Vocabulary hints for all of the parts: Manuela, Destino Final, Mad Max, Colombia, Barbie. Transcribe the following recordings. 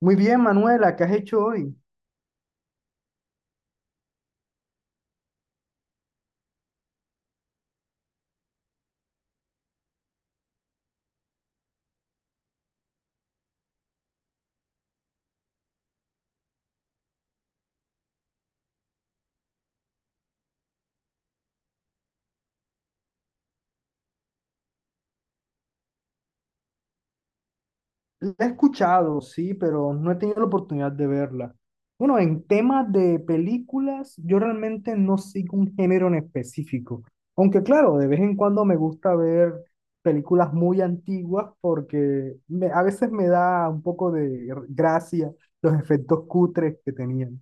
Muy bien, Manuela, ¿qué has hecho hoy? La he escuchado, sí, pero no he tenido la oportunidad de verla. Bueno, en temas de películas, yo realmente no sigo un género en específico. Aunque claro, de vez en cuando me gusta ver películas muy antiguas porque a veces me da un poco de gracia los efectos cutres que tenían.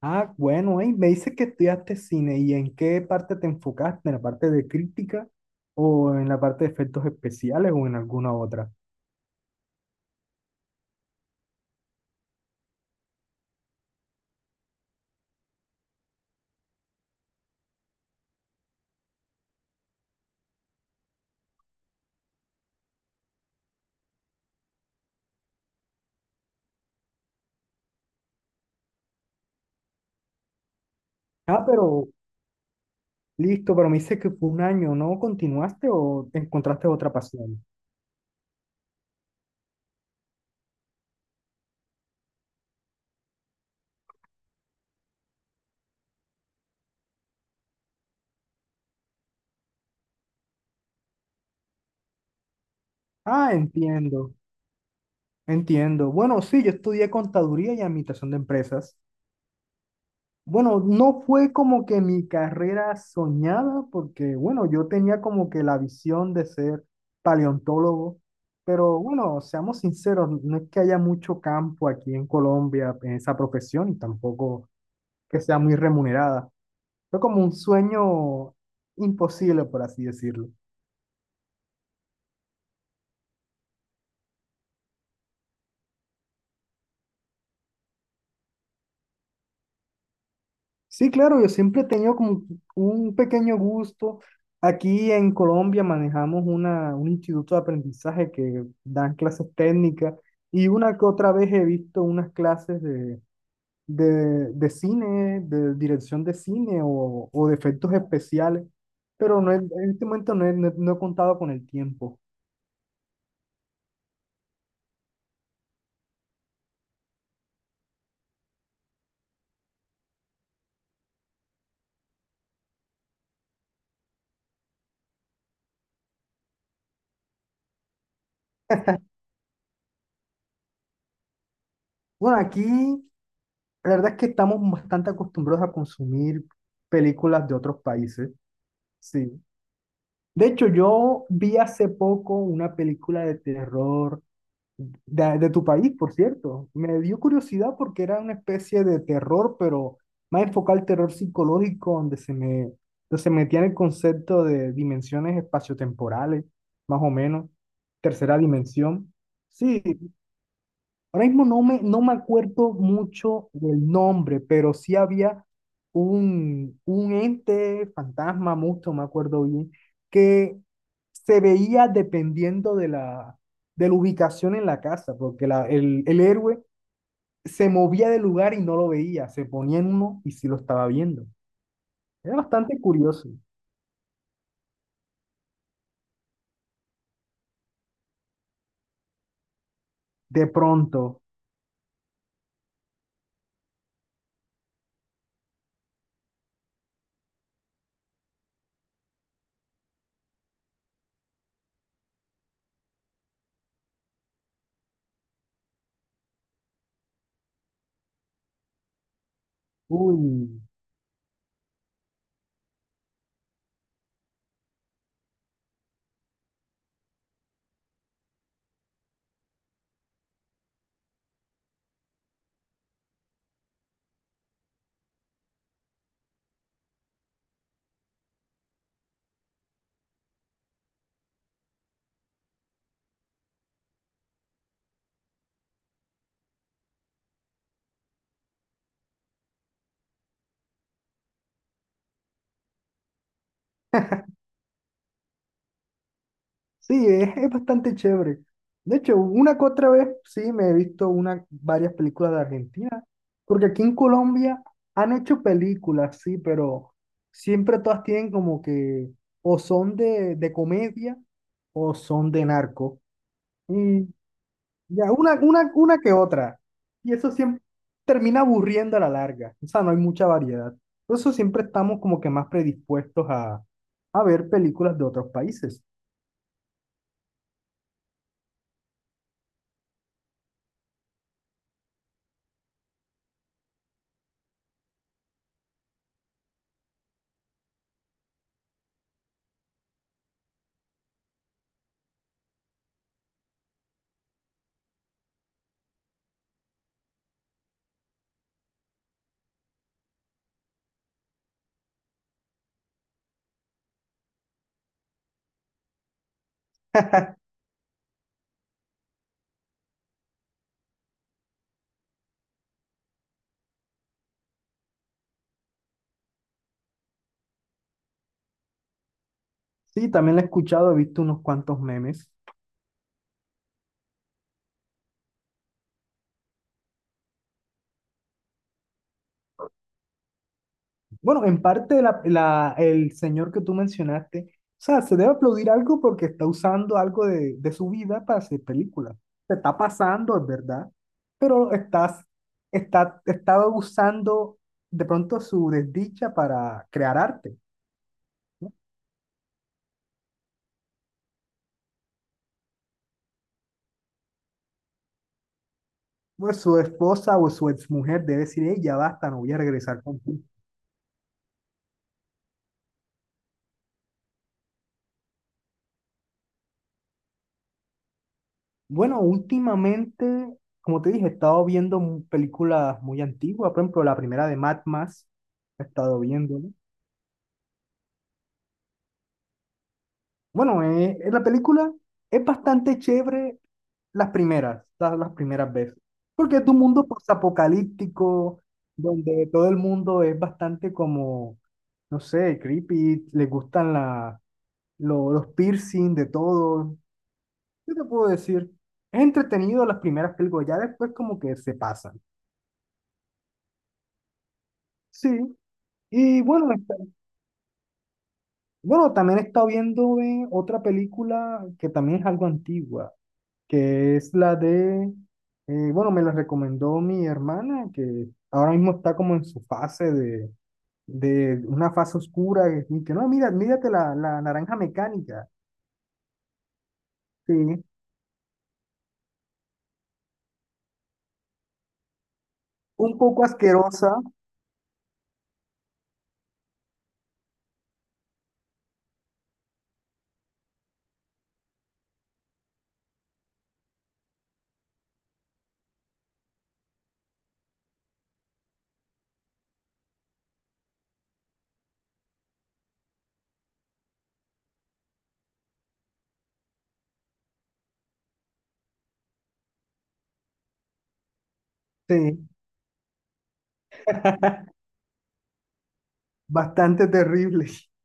Ah, bueno, ey, me dice que estudiaste cine y en qué parte te enfocaste, en la parte de crítica o en la parte de efectos especiales o en alguna otra. Ah, pero listo, pero me dice que fue un año, ¿no continuaste o encontraste otra pasión? Ah, entiendo, entiendo. Bueno, sí, yo estudié contaduría y administración de empresas. Bueno, no fue como que mi carrera soñada, porque bueno, yo tenía como que la visión de ser paleontólogo, pero bueno, seamos sinceros, no es que haya mucho campo aquí en Colombia en esa profesión y tampoco que sea muy remunerada. Fue como un sueño imposible, por así decirlo. Sí, claro, yo siempre he tenido como un pequeño gusto. Aquí en Colombia manejamos un instituto de aprendizaje que dan clases técnicas y una que otra vez he visto unas clases de, cine, de dirección de cine o de efectos especiales, pero no he- en este momento no he contado con el tiempo. Bueno, aquí la verdad es que estamos bastante acostumbrados a consumir películas de otros países. Sí. De hecho, yo vi hace poco una película de terror de tu país, por cierto. Me dio curiosidad porque era una especie de terror, pero más enfocado al terror psicológico, donde se metía en el concepto de dimensiones espaciotemporales, más o menos, tercera dimensión. Sí, ahora mismo no me acuerdo mucho del nombre, pero sí había un ente, fantasma, mucho, me acuerdo bien, que se veía dependiendo de la, ubicación en la casa, porque el héroe se movía del lugar y no lo veía, se ponía en uno y sí lo estaba viendo. Era bastante curioso. De pronto, uy, sí, es bastante chévere. De hecho, una que otra vez sí me he visto varias películas de Argentina, porque aquí en Colombia han hecho películas, sí, pero siempre todas tienen como que o son de, comedia o son de narco. Y ya, una que otra. Y eso siempre termina aburriendo a la larga. O sea, no hay mucha variedad. Por eso siempre estamos como que más predispuestos a ver películas de otros países. Sí, también la he escuchado, he visto unos cuantos memes. Bueno, en parte el señor que tú mencionaste, o sea, se debe aplaudir algo porque está usando algo de su vida para hacer películas. Se está pasando, es verdad, pero estaba usando de pronto su desdicha para crear arte, ¿no? Pues su esposa o su exmujer debe decir, ella basta, no voy a regresar contigo. Bueno, últimamente, como te dije, he estado viendo películas muy antiguas, por ejemplo, la primera de Mad Max, he estado viendo. Bueno, la película es bastante chévere las primeras veces, porque es de un mundo postapocalíptico, donde todo el mundo es bastante como, no sé, creepy, le gustan los piercing de todo. ¿Qué te puedo decir? Es entretenido las primeras películas, ya después como que se pasan. Sí. Y bueno, bueno, también he estado viendo otra película que también es algo antigua, que es la de, bueno, me la recomendó mi hermana, que ahora mismo está como en su fase de, una fase oscura, y que no, mira, mírate la naranja mecánica, sí, un poco asquerosa, sí, bastante terrible.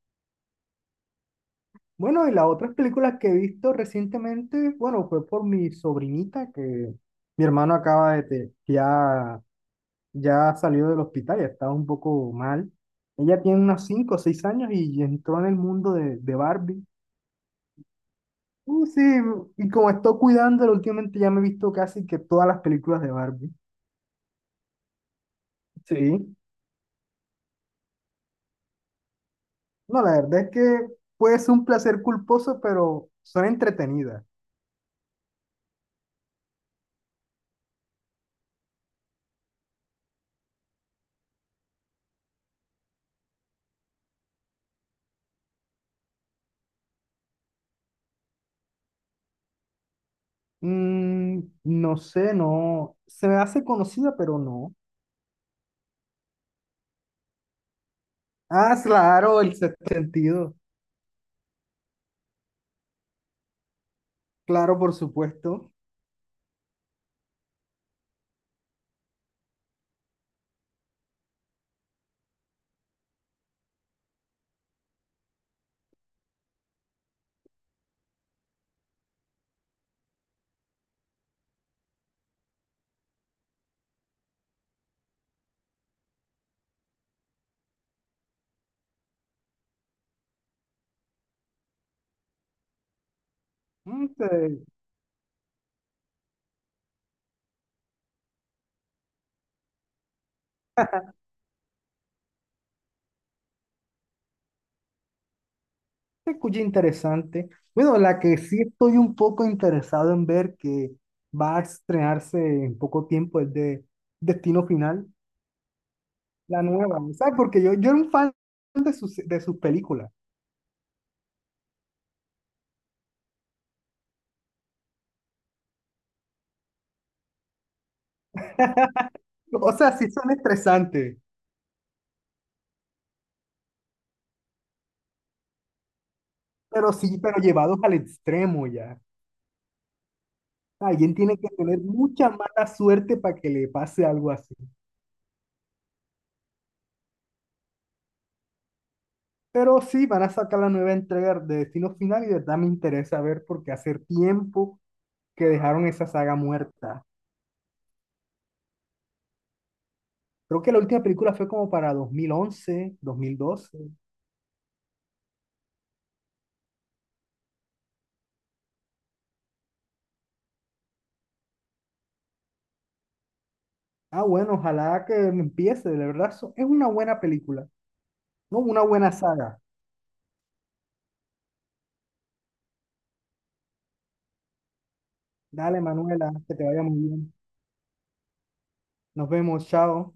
Bueno, y las otras películas que he visto recientemente, bueno, fue por mi sobrinita, que mi hermano acaba ya salió del hospital, ya estaba un poco mal. Ella tiene unos 5 o 6 años y entró en el mundo de Barbie. Sí, y como estoy cuidándola últimamente ya me he visto casi que todas las películas de Barbie. Sí. No, la verdad es que puede ser un placer culposo, pero son entretenidas. Mm, no sé, no. Se me hace conocida, pero no. Ah, claro, el sexto sentido. Claro, por supuesto. Mm, sí, se escucha interesante. Bueno, la que sí estoy un poco interesado en ver que va a estrenarse en poco tiempo es de Destino Final, la nueva, ¿sabes? Porque yo era un fan de sus películas. O sea, sí son estresantes, pero sí, pero llevados al extremo ya. Alguien tiene que tener mucha mala suerte para que le pase algo así. Pero sí, van a sacar la nueva entrega de Destino Final y de verdad me interesa ver porque hace tiempo que dejaron esa saga muerta. Creo que la última película fue como para 2011 2012. Ah, bueno, ojalá que empiece, de verdad. Es una buena película, ¿no? Una buena saga. Dale, Manuela, que te vaya muy bien. Nos vemos, chao.